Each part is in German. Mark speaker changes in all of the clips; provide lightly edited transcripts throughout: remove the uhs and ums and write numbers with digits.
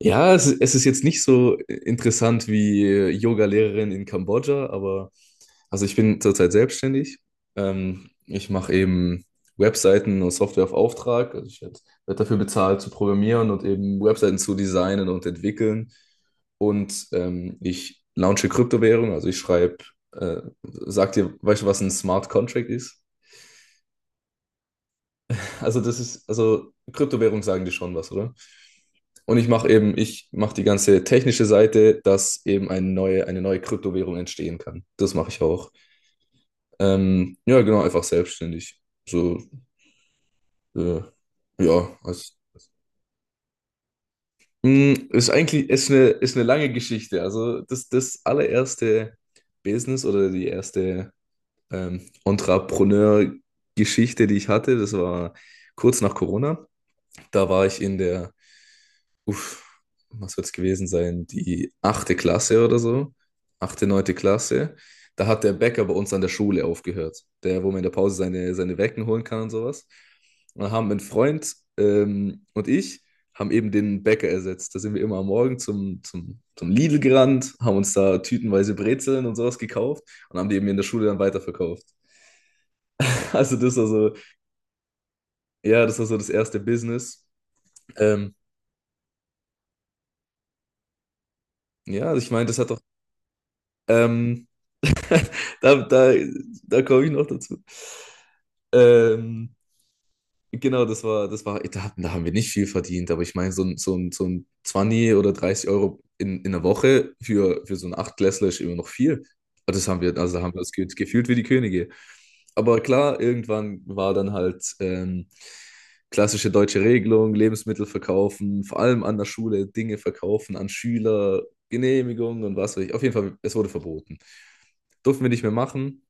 Speaker 1: Ja, es ist jetzt nicht so interessant wie Yoga-Lehrerin in Kambodscha, aber also ich bin zurzeit selbstständig. Ich mache eben Webseiten und Software auf Auftrag. Also ich werde werd werd dafür bezahlt zu programmieren und eben Webseiten zu designen und entwickeln. Und ich launche Kryptowährung, also sag dir, weißt du, was ein Smart Contract ist? Also also Kryptowährung sagen dir schon was, oder? Und ich mache die ganze technische Seite, dass eben eine neue Kryptowährung entstehen kann. Das mache ich auch. Ja, genau, einfach selbstständig. So, äh, ja, als, ist eine lange Geschichte. Also das allererste Business oder die erste Entrepreneur-Geschichte, die ich hatte, das war kurz nach Corona. Da war ich in der, uff, was wird es gewesen sein? Die achte Klasse oder so. Achte, neunte Klasse. Da hat der Bäcker bei uns an der Schule aufgehört. Der, wo man in der Pause seine Wecken holen kann und sowas. Und dann haben mein Freund und ich haben eben den Bäcker ersetzt. Da sind wir immer am Morgen zum Lidl gerannt, haben uns da tütenweise Brezeln und sowas gekauft und haben die eben in der Schule dann weiterverkauft. Also ja, das war so das erste Business. Ähm, ja, also ich meine, das hat doch, ähm, Da, da, da komme ich noch dazu. Ähm, genau, das war, da, hatten- da haben wir nicht viel verdient, aber ich meine, so ein 20 oder 30 Euro in der Woche für so einen Achtklässler ist immer noch viel. Also da haben wir uns gefühlt wie die Könige. Aber klar, irgendwann war dann halt klassische deutsche Regelung: Lebensmittel verkaufen, vor allem an der Schule Dinge verkaufen, an Schüler, Genehmigungen und was weiß ich. Auf jeden Fall, es wurde verboten. Durften wir nicht mehr machen.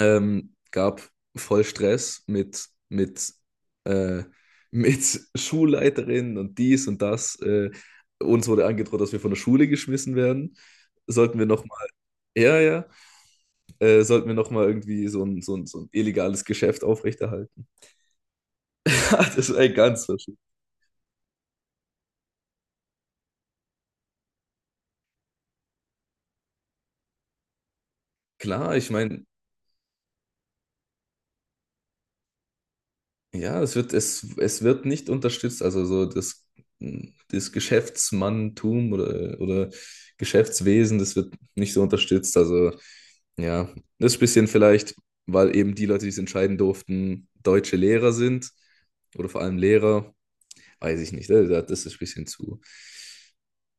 Speaker 1: Gab voll Stress äh, mit Schulleiterin und dies und das. Uns wurde angedroht, dass wir von der Schule geschmissen werden. Sollten wir nochmal, ja, ja, sollten wir nochmal irgendwie so ein illegales Geschäft aufrechterhalten. Das ist ein ganz verschieden. Klar, ich meine, ja, es wird nicht unterstützt. Also das Geschäftsmanntum oder Geschäftswesen, das wird nicht so unterstützt. Also ja, das ist ein bisschen vielleicht, weil eben die Leute, die es entscheiden durften, deutsche Lehrer sind oder vor allem Lehrer. Weiß ich nicht. Das ist ein bisschen zu.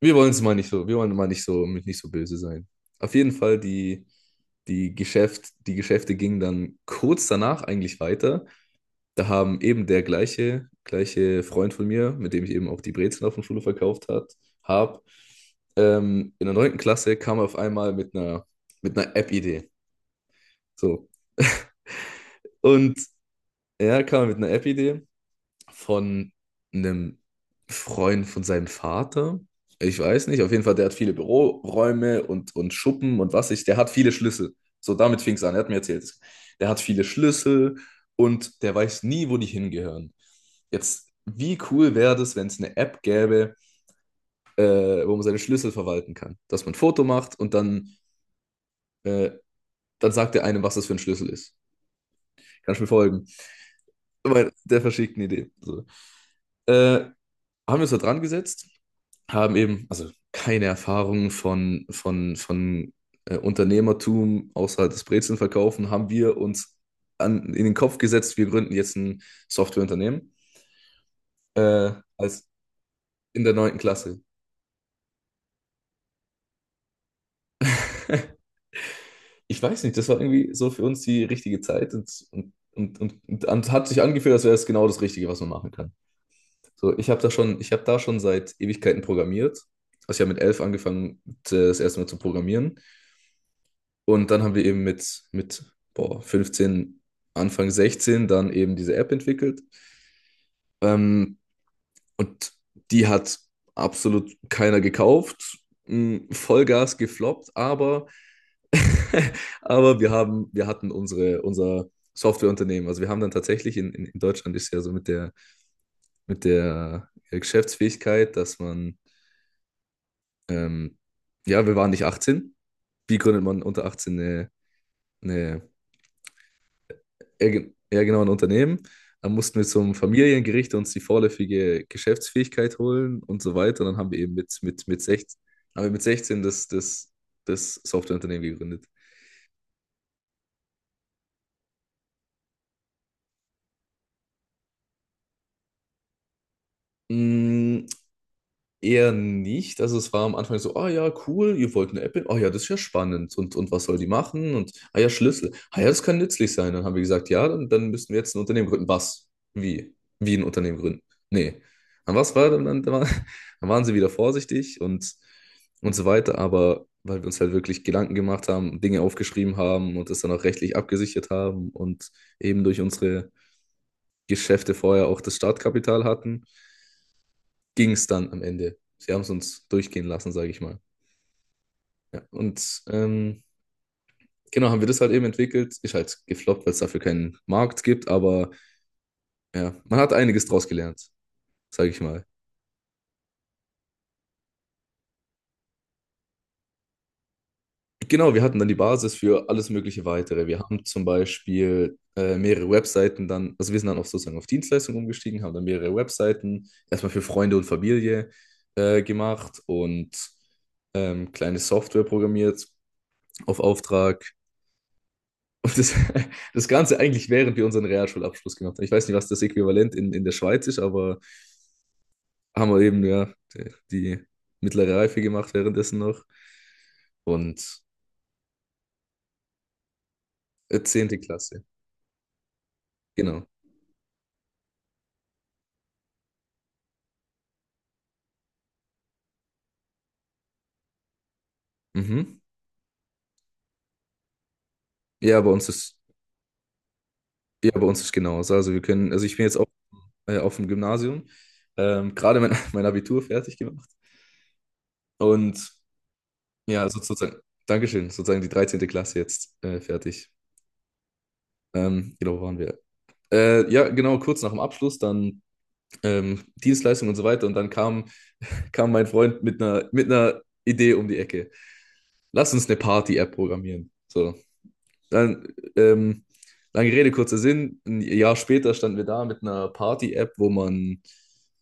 Speaker 1: Wir wollen mal nicht so, nicht so böse sein. Auf jeden Fall, die Geschäfte gingen dann kurz danach eigentlich weiter. Da haben eben der gleiche Freund von mir, mit dem ich eben auch die Brezeln auf der Schule verkauft hab, in der neunten Klasse kam er auf einmal mit einer, App-Idee. So. Und ja, kam er mit einer App-Idee von einem Freund von seinem Vater. Ich weiß nicht, auf jeden Fall, der hat viele Büroräume und Schuppen und was ich, der hat viele Schlüssel. So, damit fing es an, er hat mir erzählt, der hat viele Schlüssel und der weiß nie, wo die hingehören. Jetzt, wie cool wäre das, wenn es eine App gäbe, äh, wo man seine Schlüssel verwalten kann? Dass man ein Foto macht und äh, dann sagt er einem, was das für ein Schlüssel ist. Kannst du mir folgen? Weil der verschickt eine Idee. So. Äh, Haben wir uns da dran gesetzt, haben eben also keine Erfahrung von Unternehmertum außer das Brezelnverkaufen, haben wir uns in den Kopf gesetzt, wir gründen jetzt ein Softwareunternehmen, äh, als in der neunten Klasse. Ich weiß nicht, das war irgendwie so für uns die richtige Zeit und hat sich angefühlt, als wäre es genau das Richtige, was man machen kann. So, ich habe da schon seit Ewigkeiten programmiert. Also ich habe mit 11 angefangen, das erste Mal zu programmieren. Und dann haben wir eben 15, Anfang 16 dann eben diese App entwickelt. Ähm, und die hat absolut keiner gekauft. Vollgas gefloppt, aber, aber wir hatten unser Softwareunternehmen. Also wir haben dann tatsächlich in, in Deutschland ist ja so mit der Geschäftsfähigkeit, ähm, ja, wir waren nicht 18. Wie gründet man unter 18 eine, eine ja, genau, ein Unternehmen. Dann mussten wir zum Familiengericht uns die vorläufige Geschäftsfähigkeit holen und so weiter. Und dann haben wir mit 16 das, das Softwareunternehmen gegründet. Mm, Eher nicht. Also es war am Anfang so, ah ja, cool, ihr wollt eine App, ah ja, das ist ja spannend. Und was soll die machen? Und ah ja, Schlüssel. Ah ja, das kann nützlich sein. Dann haben wir gesagt, ja, dann müssen wir jetzt ein Unternehmen gründen. Was? Wie? Wie ein Unternehmen gründen? Nee. Dann was war dann, dann, war- Dann waren sie wieder vorsichtig und so weiter, aber weil wir uns halt wirklich Gedanken gemacht haben, Dinge aufgeschrieben haben und das dann auch rechtlich abgesichert haben und eben durch unsere Geschäfte vorher auch das Startkapital hatten, ging es dann am Ende. Sie haben es uns durchgehen lassen, sage ich mal. Ja, und genau, haben wir das halt eben entwickelt. Ist halt gefloppt, weil es dafür keinen Markt gibt, aber ja, man hat einiges draus gelernt, sage ich mal. Genau, wir hatten dann die Basis für alles mögliche Weitere. Wir haben zum Beispiel mehrere Webseiten dann, also wir sind dann auch sozusagen auf Dienstleistungen umgestiegen, haben dann mehrere Webseiten erstmal für Freunde und Familie gemacht und kleine Software programmiert auf Auftrag. Und das, das Ganze eigentlich, während wir unseren Realschulabschluss gemacht haben. Ich weiß nicht, was das Äquivalent in der Schweiz ist, aber haben wir eben ja die mittlere Reife gemacht währenddessen noch. Und 10. Klasse, genau. Mhm. Ja, ja, bei uns ist genauso. Also ich bin jetzt auch auf dem Gymnasium, gerade mein, mein Abitur fertig gemacht. Und ja, also sozusagen, Dankeschön, sozusagen die 13. Klasse jetzt fertig. Genau, wo waren wir? Ja, genau, kurz nach dem Abschluss, dann Dienstleistung und so weiter. Und dann kam mein Freund mit einer, Idee um die Ecke. Lass uns eine Party-App programmieren. So, dann, ähm, lange Rede, kurzer Sinn. Ein Jahr später standen wir da mit einer Party-App, wo man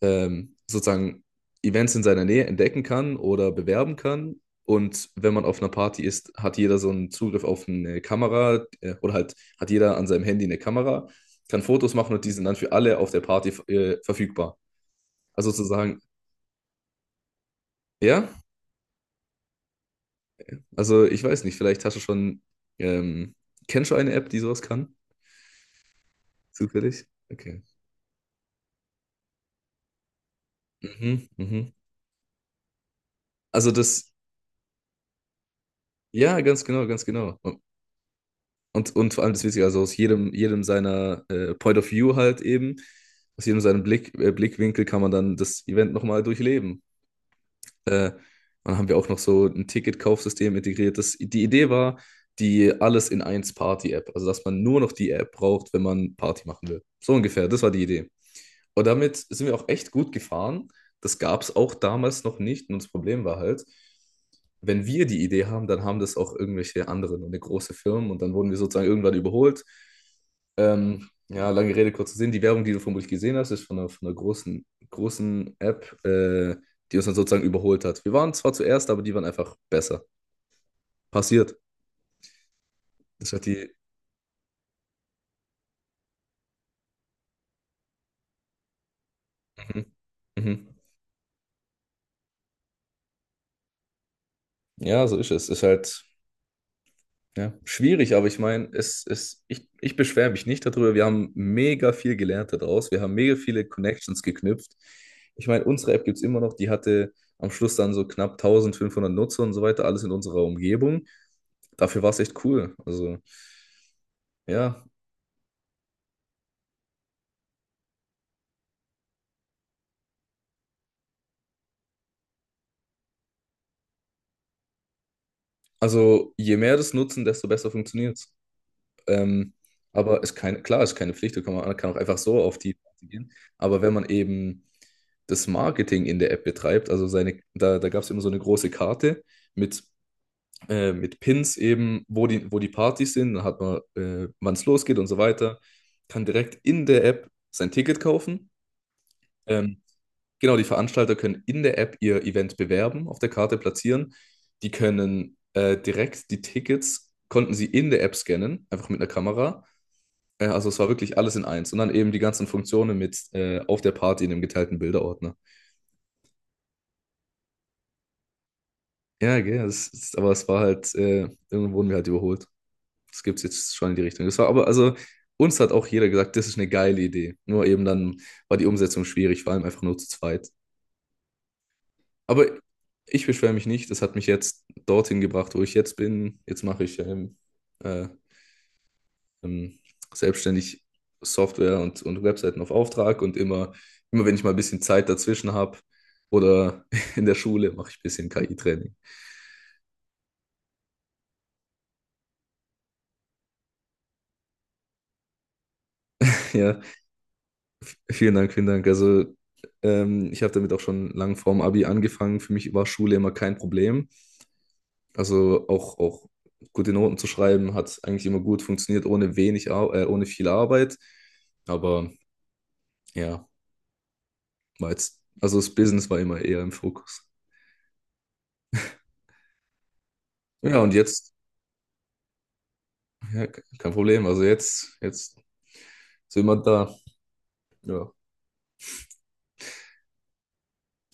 Speaker 1: sozusagen Events in seiner Nähe entdecken kann oder bewerben kann. Und wenn man auf einer Party ist, hat jeder so einen Zugriff auf eine Kamera, oder halt hat jeder an seinem Handy eine Kamera, kann Fotos machen und die sind dann für alle auf der Party verfügbar. Also sozusagen, ja, also ich weiß nicht, vielleicht hast du schon, ähm, kennst du eine App, die sowas kann? Zufällig? Okay. Mhm, mhm. Also das, ja, ganz genau, ganz genau. Und vor allem das Witzige, also aus jedem seiner Point of View halt eben, aus jedem seinem Blickwinkel kann man dann das Event nochmal durchleben. Und dann haben wir auch noch so ein Ticketkaufsystem integriert. Die Idee war die alles in eins Party-App, also dass man nur noch die App braucht, wenn man Party machen will. So ungefähr, das war die Idee. Und damit sind wir auch echt gut gefahren. Das gab es auch damals noch nicht. Und das Problem war halt, wenn wir die Idee haben, dann haben das auch irgendwelche anderen und eine große Firmen. Und dann wurden wir sozusagen irgendwann überholt. Ja, lange Rede, kurzer Sinn. Die Werbung, die du vermutlich gesehen hast, ist von einer großen, großen App, die uns dann sozusagen überholt hat. Wir waren zwar zuerst, aber die waren einfach besser. Passiert. Das hat die. Mhm. Mhm. Ja, so ist es. Ist halt, ja, schwierig, aber ich meine, ich beschwere mich nicht darüber. Wir haben mega viel gelernt daraus. Wir haben mega viele Connections geknüpft. Ich meine, unsere App gibt es immer noch. Die hatte am Schluss dann so knapp 1.500 Nutzer und so weiter, alles in unserer Umgebung. Dafür war es echt cool. Also, ja, also je mehr das nutzen, desto besser funktioniert. Ähm, aber ist keine, klar, ist keine Pflicht, da kann man kann auch einfach so auf die Party gehen. Aber wenn man eben das Marketing in der App betreibt, also da gab es immer so eine große Karte mit, mit Pins eben, wo die Partys sind, dann hat man, wann es losgeht und so weiter, kann direkt in der App sein Ticket kaufen. Ähm, genau, die Veranstalter können in der App ihr Event bewerben, auf der Karte platzieren. Die können direkt die Tickets, konnten sie in der App scannen, einfach mit einer Kamera, ja, also es war wirklich alles in eins. Und dann eben die ganzen Funktionen mit auf der Party in dem geteilten Bilderordner. Ja, gell, das ist, aber es war halt, irgendwo wurden wir halt überholt. Das gibt es jetzt schon in die Richtung. Das war aber, also uns hat auch jeder gesagt, das ist eine geile Idee. Nur eben dann war die Umsetzung schwierig, vor allem einfach nur zu zweit. Aber ich beschwere mich nicht, das hat mich jetzt dorthin gebracht, wo ich jetzt bin. Jetzt mache ich äh, ähm, selbstständig Software und Webseiten auf Auftrag, und immer wenn ich mal ein bisschen Zeit dazwischen habe oder in der Schule, mache ich ein bisschen KI-Training. Ja, vielen Dank, vielen Dank. Also ich habe damit auch schon lang vorm Abi angefangen. Für mich war Schule immer kein Problem. Also auch gute Noten zu schreiben hat eigentlich immer gut funktioniert, ohne wenig, Ar ohne viel Arbeit. Aber ja, also das Business war immer eher im Fokus. Ja, und jetzt, ja, kein Problem. Also jetzt sind wir da. Ja.